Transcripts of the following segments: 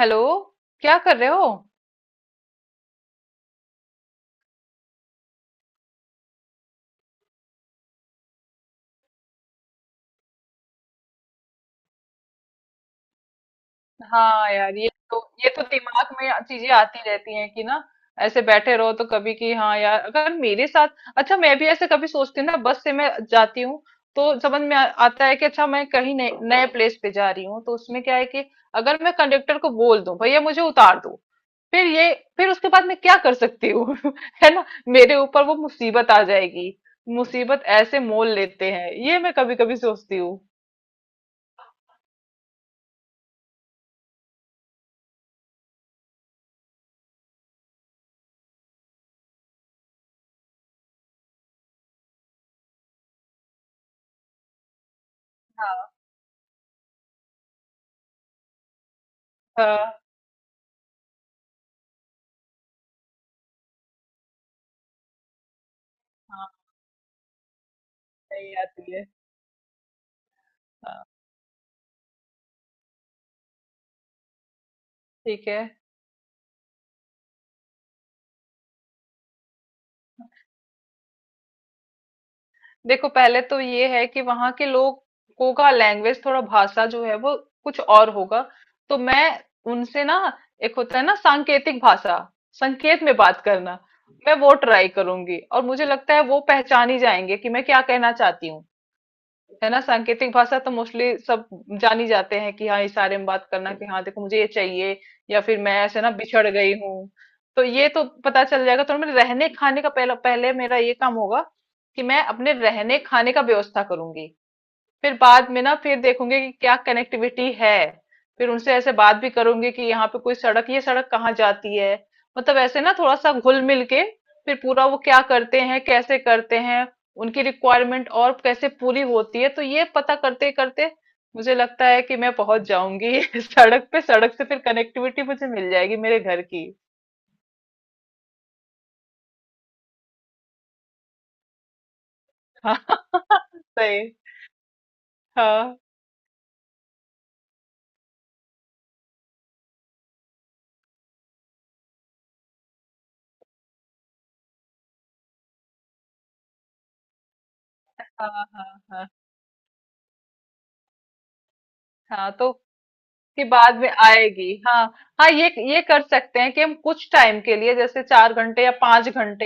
Hello. क्या कर रहे हो? हाँ यार, ये तो दिमाग में चीजें आती रहती हैं कि ना। ऐसे बैठे रहो तो कभी कि हाँ यार अगर मेरे साथ। अच्छा, मैं भी ऐसे कभी सोचती हूँ ना, बस से मैं जाती हूँ। तो समझ में आता है कि अच्छा मैं कहीं नए नए प्लेस पे जा रही हूँ, तो उसमें क्या है कि अगर मैं कंडक्टर को बोल दूं भैया मुझे उतार दो, फिर उसके बाद मैं क्या कर सकती हूँ? है ना, मेरे ऊपर वो मुसीबत आ जाएगी। मुसीबत ऐसे मोल लेते हैं, ये मैं कभी कभी सोचती हूँ। हाँ हाँ। नहीं आती है। हाँ। ठीक है। देखो, पहले तो ये है कि वहां के लोगों का लैंग्वेज, थोड़ा भाषा जो है वो कुछ और होगा। तो मैं उनसे ना, एक होता है ना सांकेतिक भाषा, संकेत में बात करना। मैं वो ट्राई करूंगी और मुझे लगता है वो पहचान ही जाएंगे कि मैं क्या कहना चाहती हूँ। है ना, सांकेतिक भाषा तो मोस्टली सब जानी जाते हैं कि हाँ, इशारे में बात करना कि हाँ देखो मुझे ये चाहिए, या फिर मैं ऐसे ना बिछड़ गई हूँ, तो ये तो पता चल जाएगा। तो मेरे रहने खाने का पहला पहले मेरा ये काम होगा कि मैं अपने रहने खाने का व्यवस्था करूंगी। फिर बाद में ना फिर देखूंगी कि क्या कनेक्टिविटी है। फिर उनसे ऐसे बात भी करूंगी कि यहाँ पे कोई सड़क, ये सड़क कहाँ जाती है, मतलब ऐसे ना थोड़ा सा घुल मिल के फिर पूरा वो क्या करते हैं, कैसे करते हैं, उनकी रिक्वायरमेंट और कैसे पूरी होती है, तो ये पता करते करते मुझे लगता है कि मैं पहुंच जाऊंगी सड़क पे। सड़क से फिर कनेक्टिविटी मुझे मिल जाएगी मेरे घर की। हाँ। सही। हाँ हाँ हाँ हाँ हाँ, तो कि बाद में आएगी। हाँ हाँ, ये कर सकते हैं कि हम कुछ टाइम के लिए जैसे चार घंटे या पांच घंटे,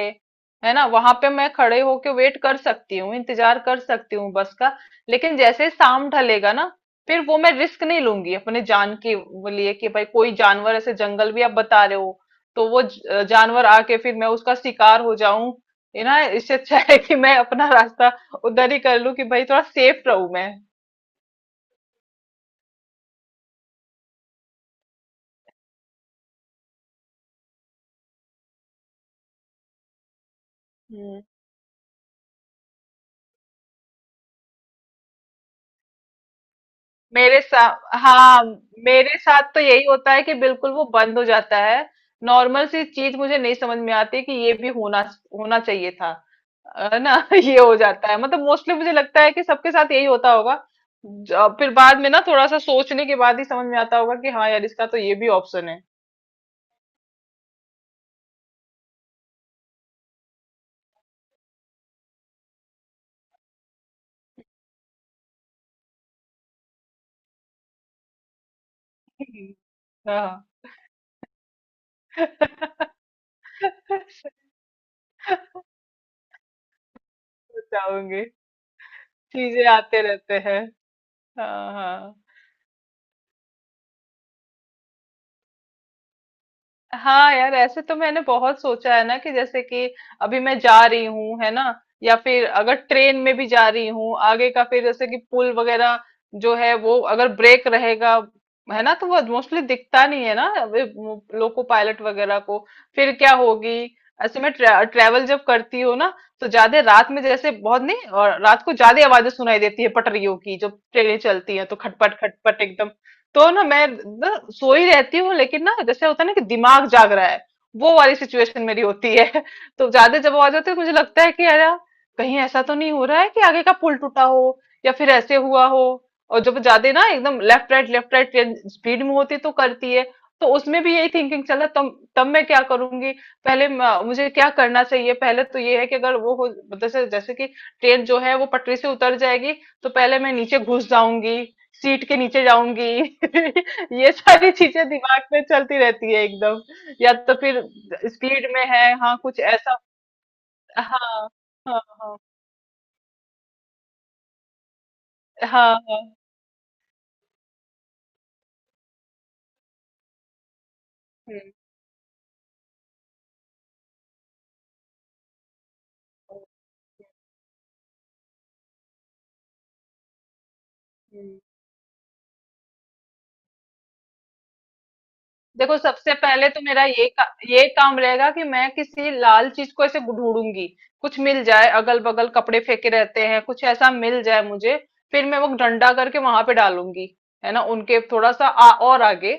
है ना, वहां पे मैं खड़े होके वेट कर सकती हूँ, इंतजार कर सकती हूँ बस का। लेकिन जैसे ही शाम ढलेगा ना, फिर वो मैं रिस्क नहीं लूंगी अपने जान के वो लिए कि भाई कोई जानवर, ऐसे जंगल भी आप बता रहे हो, तो वो जानवर आके फिर मैं उसका शिकार हो जाऊं। है ना, इससे अच्छा है कि मैं अपना रास्ता उधर ही कर लूं कि भाई थोड़ा सेफ रहूं मैं। हम्म। मेरे साथ, हाँ, मेरे साथ तो यही होता है कि बिल्कुल वो बंद हो जाता है। नॉर्मल सी चीज मुझे नहीं समझ में आती कि ये भी होना होना चाहिए था। है ना? ये हो जाता है, मतलब मोस्टली मुझे लगता है कि सबके साथ यही होता होगा। फिर बाद में ना थोड़ा सा सोचने के बाद ही समझ में आता होगा कि हाँ यार, इसका तो ये भी ऑप्शन है। हम्म। हाँ। बताऊंगी। चीजें आते रहते हैं। हाँ हाँ। हाँ यार, ऐसे तो मैंने बहुत सोचा है ना कि जैसे कि अभी मैं जा रही हूँ, है ना, या फिर अगर ट्रेन में भी जा रही हूँ, आगे का फिर जैसे कि पुल वगैरह जो है वो अगर ब्रेक रहेगा, है ना, तो वो मोस्टली दिखता नहीं है ना अभी वो लोको पायलट वगैरह को, फिर क्या होगी। ऐसे मैं ट्रेवल जब करती हूँ ना, तो ज्यादा रात में, जैसे बहुत नहीं, और रात को ज्यादा आवाजें सुनाई देती है पटरियों की जब ट्रेनें चलती है, तो खटपट खटपट, तो ना मैं ना सोई रहती हूँ, लेकिन ना जैसे होता है ना कि दिमाग जाग रहा है, वो वाली सिचुएशन मेरी होती है। तो ज्यादा जब आवाज आती है तो मुझे लगता है कि अरे, कहीं ऐसा तो नहीं हो रहा है कि आगे का पुल टूटा हो, या फिर ऐसे हुआ हो। और जब ज्यादा ना एकदम लेफ्ट राइट ट्रेन स्पीड में होती तो करती है, तो उसमें भी यही थिंकिंग चला तब, तब मैं क्या करूंगी, पहले मुझे क्या करना चाहिए। पहले तो ये है कि अगर वो हो, मतलब जैसे, जैसे कि ट्रेन जो है वो पटरी से उतर जाएगी, तो पहले मैं नीचे घुस जाऊंगी, सीट के नीचे जाऊंगी। ये सारी चीजें दिमाग में चलती रहती है एकदम, या तो फिर स्पीड में है, हाँ कुछ ऐसा। हाँ हाँ हाँ हाँ हाँ। हम्म। हम्म। देखो, सबसे पहले तो मेरा ये काम रहेगा कि मैं किसी लाल चीज को ऐसे ढूंढूंगी, कुछ मिल जाए अगल बगल, कपड़े फेंके रहते हैं, कुछ ऐसा मिल जाए मुझे। फिर मैं वो डंडा करके वहां पे डालूंगी, है ना, उनके थोड़ा सा और आगे,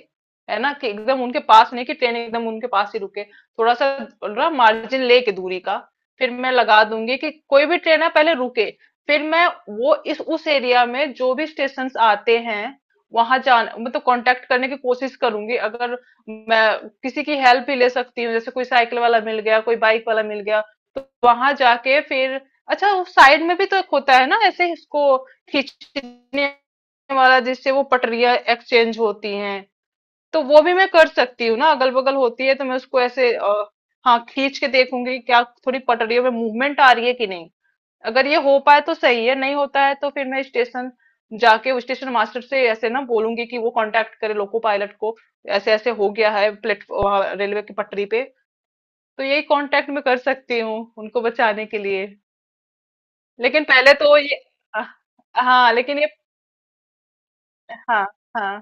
है ना, कि एकदम उनके पास नहीं कि ट्रेन एकदम उनके पास ही रुके, थोड़ा सा ना मार्जिन लेके दूरी का। फिर मैं लगा दूंगी कि कोई भी ट्रेन है पहले रुके। फिर मैं वो इस उस एरिया में जो भी स्टेशन आते हैं, वहां जान मतलब कांटेक्ट करने की कोशिश करूंगी। अगर मैं किसी की हेल्प भी ले सकती हूँ, जैसे कोई साइकिल वाला मिल गया, कोई बाइक वाला मिल गया, तो वहां जाके फिर अच्छा वो साइड में भी तो एक होता है ना ऐसे, इसको खींचने वाला, जिससे वो पटरियां एक्सचेंज होती हैं, तो वो भी मैं कर सकती हूँ ना, अगल बगल होती है, तो मैं उसको ऐसे हाँ, खींच के देखूंगी क्या थोड़ी पटरियों में मूवमेंट आ रही है कि नहीं। अगर ये हो पाए तो सही है, नहीं होता है तो फिर मैं स्टेशन जाके स्टेशन मास्टर से ऐसे ना बोलूंगी कि वो कांटेक्ट करे लोको पायलट को, ऐसे ऐसे हो गया है प्लेटफॉर्म रेलवे की पटरी पे। तो यही कांटेक्ट में कर सकती हूँ उनको बचाने के लिए। लेकिन पहले तो ये अ, हाँ, लेकिन ये हाँ हाँ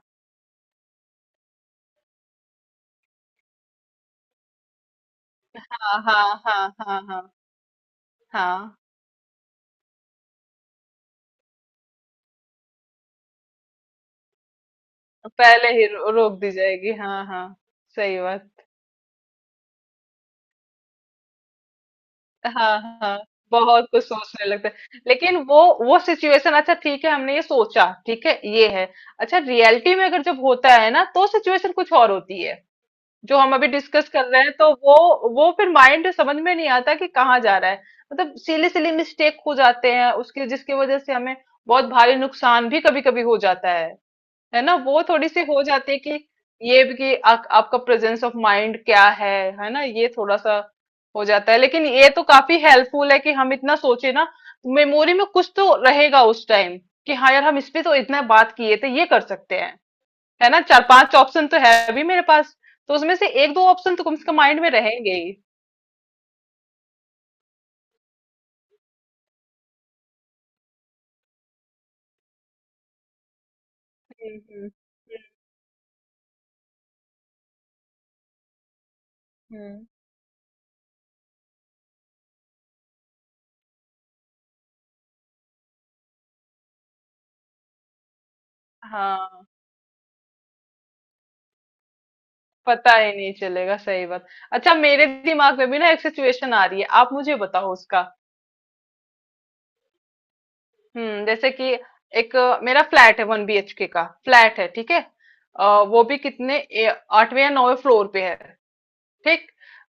हाँ हाँ हाँ हाँ हाँ हाँ। पहले ही रोक दी जाएगी, हाँ हाँ। सही बात। हाँ हाँ। बहुत कुछ सोचने लगता है, लेकिन वो सिचुएशन, अच्छा ठीक है हमने ये सोचा, ठीक है ये है, अच्छा रियलिटी में अगर जब होता है ना, तो सिचुएशन कुछ और होती है जो हम अभी डिस्कस कर रहे हैं। तो वो फिर माइंड समझ में नहीं आता कि कहाँ जा रहा है। मतलब सिली सिली मिस्टेक हो जाते हैं उसके, जिसकी वजह से हमें बहुत भारी नुकसान भी कभी कभी हो जाता है। है ना, वो थोड़ी सी हो जाती है कि ये भी कि आपका प्रेजेंस ऑफ माइंड क्या है ना, ये थोड़ा सा हो जाता है। लेकिन ये तो काफी हेल्पफुल है कि हम इतना सोचे ना, मेमोरी में कुछ तो रहेगा उस टाइम कि हाँ यार, हम इस पे तो इतना बात किए थे, ये कर सकते हैं, है ना, चार पांच ऑप्शन तो है अभी मेरे पास, तो उसमें से एक दो ऑप्शन तो कम से कम माइंड में रहेंगे ही। हम्म। हम्म। हम्म। हाँ, पता ही नहीं चलेगा, सही बात। अच्छा, मेरे दिमाग में भी ना एक सिचुएशन आ रही है, आप मुझे बताओ उसका। जैसे कि मेरा फ्लैट है, वन बीएचके का फ्लैट है, ठीक है। वो भी कितने आठवें या नौवें फ्लोर पे है। ठीक,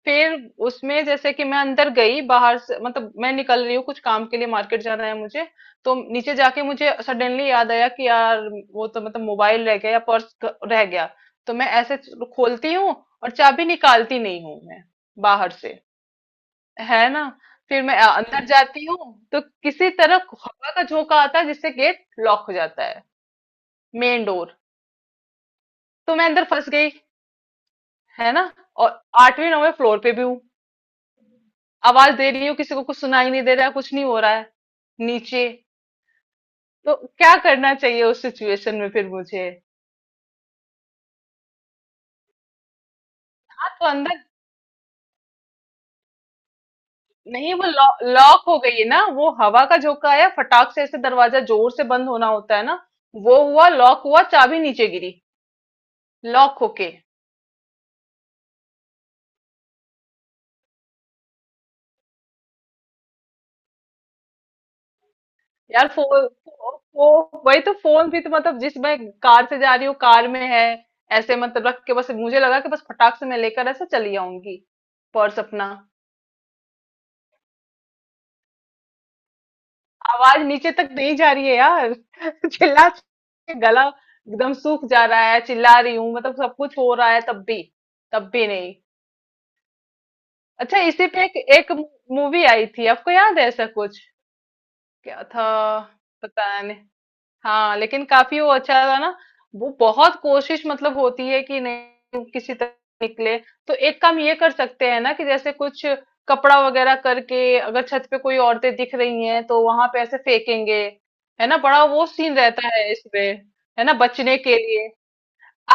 फिर उसमें जैसे कि मैं अंदर गई, बाहर से मतलब मैं निकल रही हूँ कुछ काम के लिए, मार्केट जाना है मुझे। तो नीचे जाके मुझे सडनली याद आया कि यार, वो तो मतलब मोबाइल रह गया या पर्स रह गया। तो मैं ऐसे खोलती हूँ, और चाबी निकालती नहीं हूँ मैं बाहर से, है ना। फिर मैं अंदर जाती हूँ, तो किसी तरह हवा का झोंका आता है जिससे गेट लॉक हो जाता है, मेन डोर। तो मैं अंदर फंस गई, है ना, और आठवीं नौवें फ्लोर पे भी हूँ, आवाज दे रही हूँ किसी को, कुछ सुनाई नहीं दे रहा है, कुछ नहीं हो रहा है नीचे। तो क्या करना चाहिए उस सिचुएशन में फिर मुझे? हाँ, तो अंदर, नहीं वो लॉक हो गई है ना, वो हवा का झोंका आया फटाक से, ऐसे दरवाजा जोर से बंद होना होता है ना, वो हुआ, लॉक हुआ, चाबी नीचे गिरी लॉक होके। यार फोन, वही तो फोन भी तो, मतलब जिस, मैं कार से जा रही हूँ, कार में है। ऐसे मतलब रख के, बस मुझे लगा कि बस फटाक से मैं लेकर ऐसे चली आऊंगी पर्स अपना। आवाज नीचे तक नहीं जा रही है यार, चिल्ला के गला एकदम सूख जा रहा है, चिल्ला रही हूँ, मतलब सब कुछ हो रहा है, तब भी, तब भी नहीं। अच्छा, इसी पे एक मूवी आई थी, आपको याद है ऐसा कुछ, क्या था? पता नहीं। हाँ, लेकिन काफी वो अच्छा था ना, वो बहुत कोशिश मतलब होती है कि नहीं किसी तरह निकले। तो एक काम ये कर सकते हैं ना कि जैसे कुछ कपड़ा वगैरह करके अगर छत पे कोई औरतें दिख रही हैं तो वहां पे ऐसे फेंकेंगे, है ना, बड़ा वो सीन रहता है इसमें, है ना, बचने के लिए।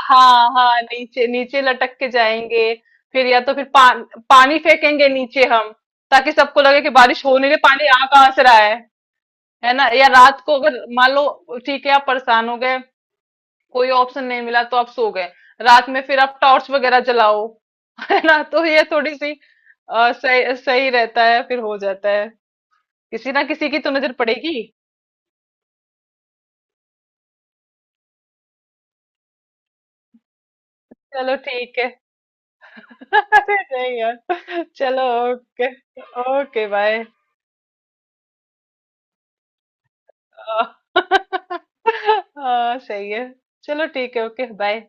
हाँ हाँ, नीचे नीचे लटक के जाएंगे, फिर या तो फिर पानी फेंकेंगे नीचे हम, ताकि सबको लगे कि बारिश हो नहीं रही, पानी आ कहाँ से रहा है ना, या रात को अगर मान लो, ठीक है आप परेशान हो गए, कोई ऑप्शन नहीं मिला, तो आप सो गए, रात में फिर आप टॉर्च वगैरह जलाओ। है ना, तो ये थोड़ी सी सही सही रहता है, फिर हो जाता है, किसी ना किसी की तो नजर पड़ेगी। चलो ठीक है। अरे नहीं यार, चलो। ओके। Okay bye. हाँ, सही है, चलो ठीक है, ओके बाय।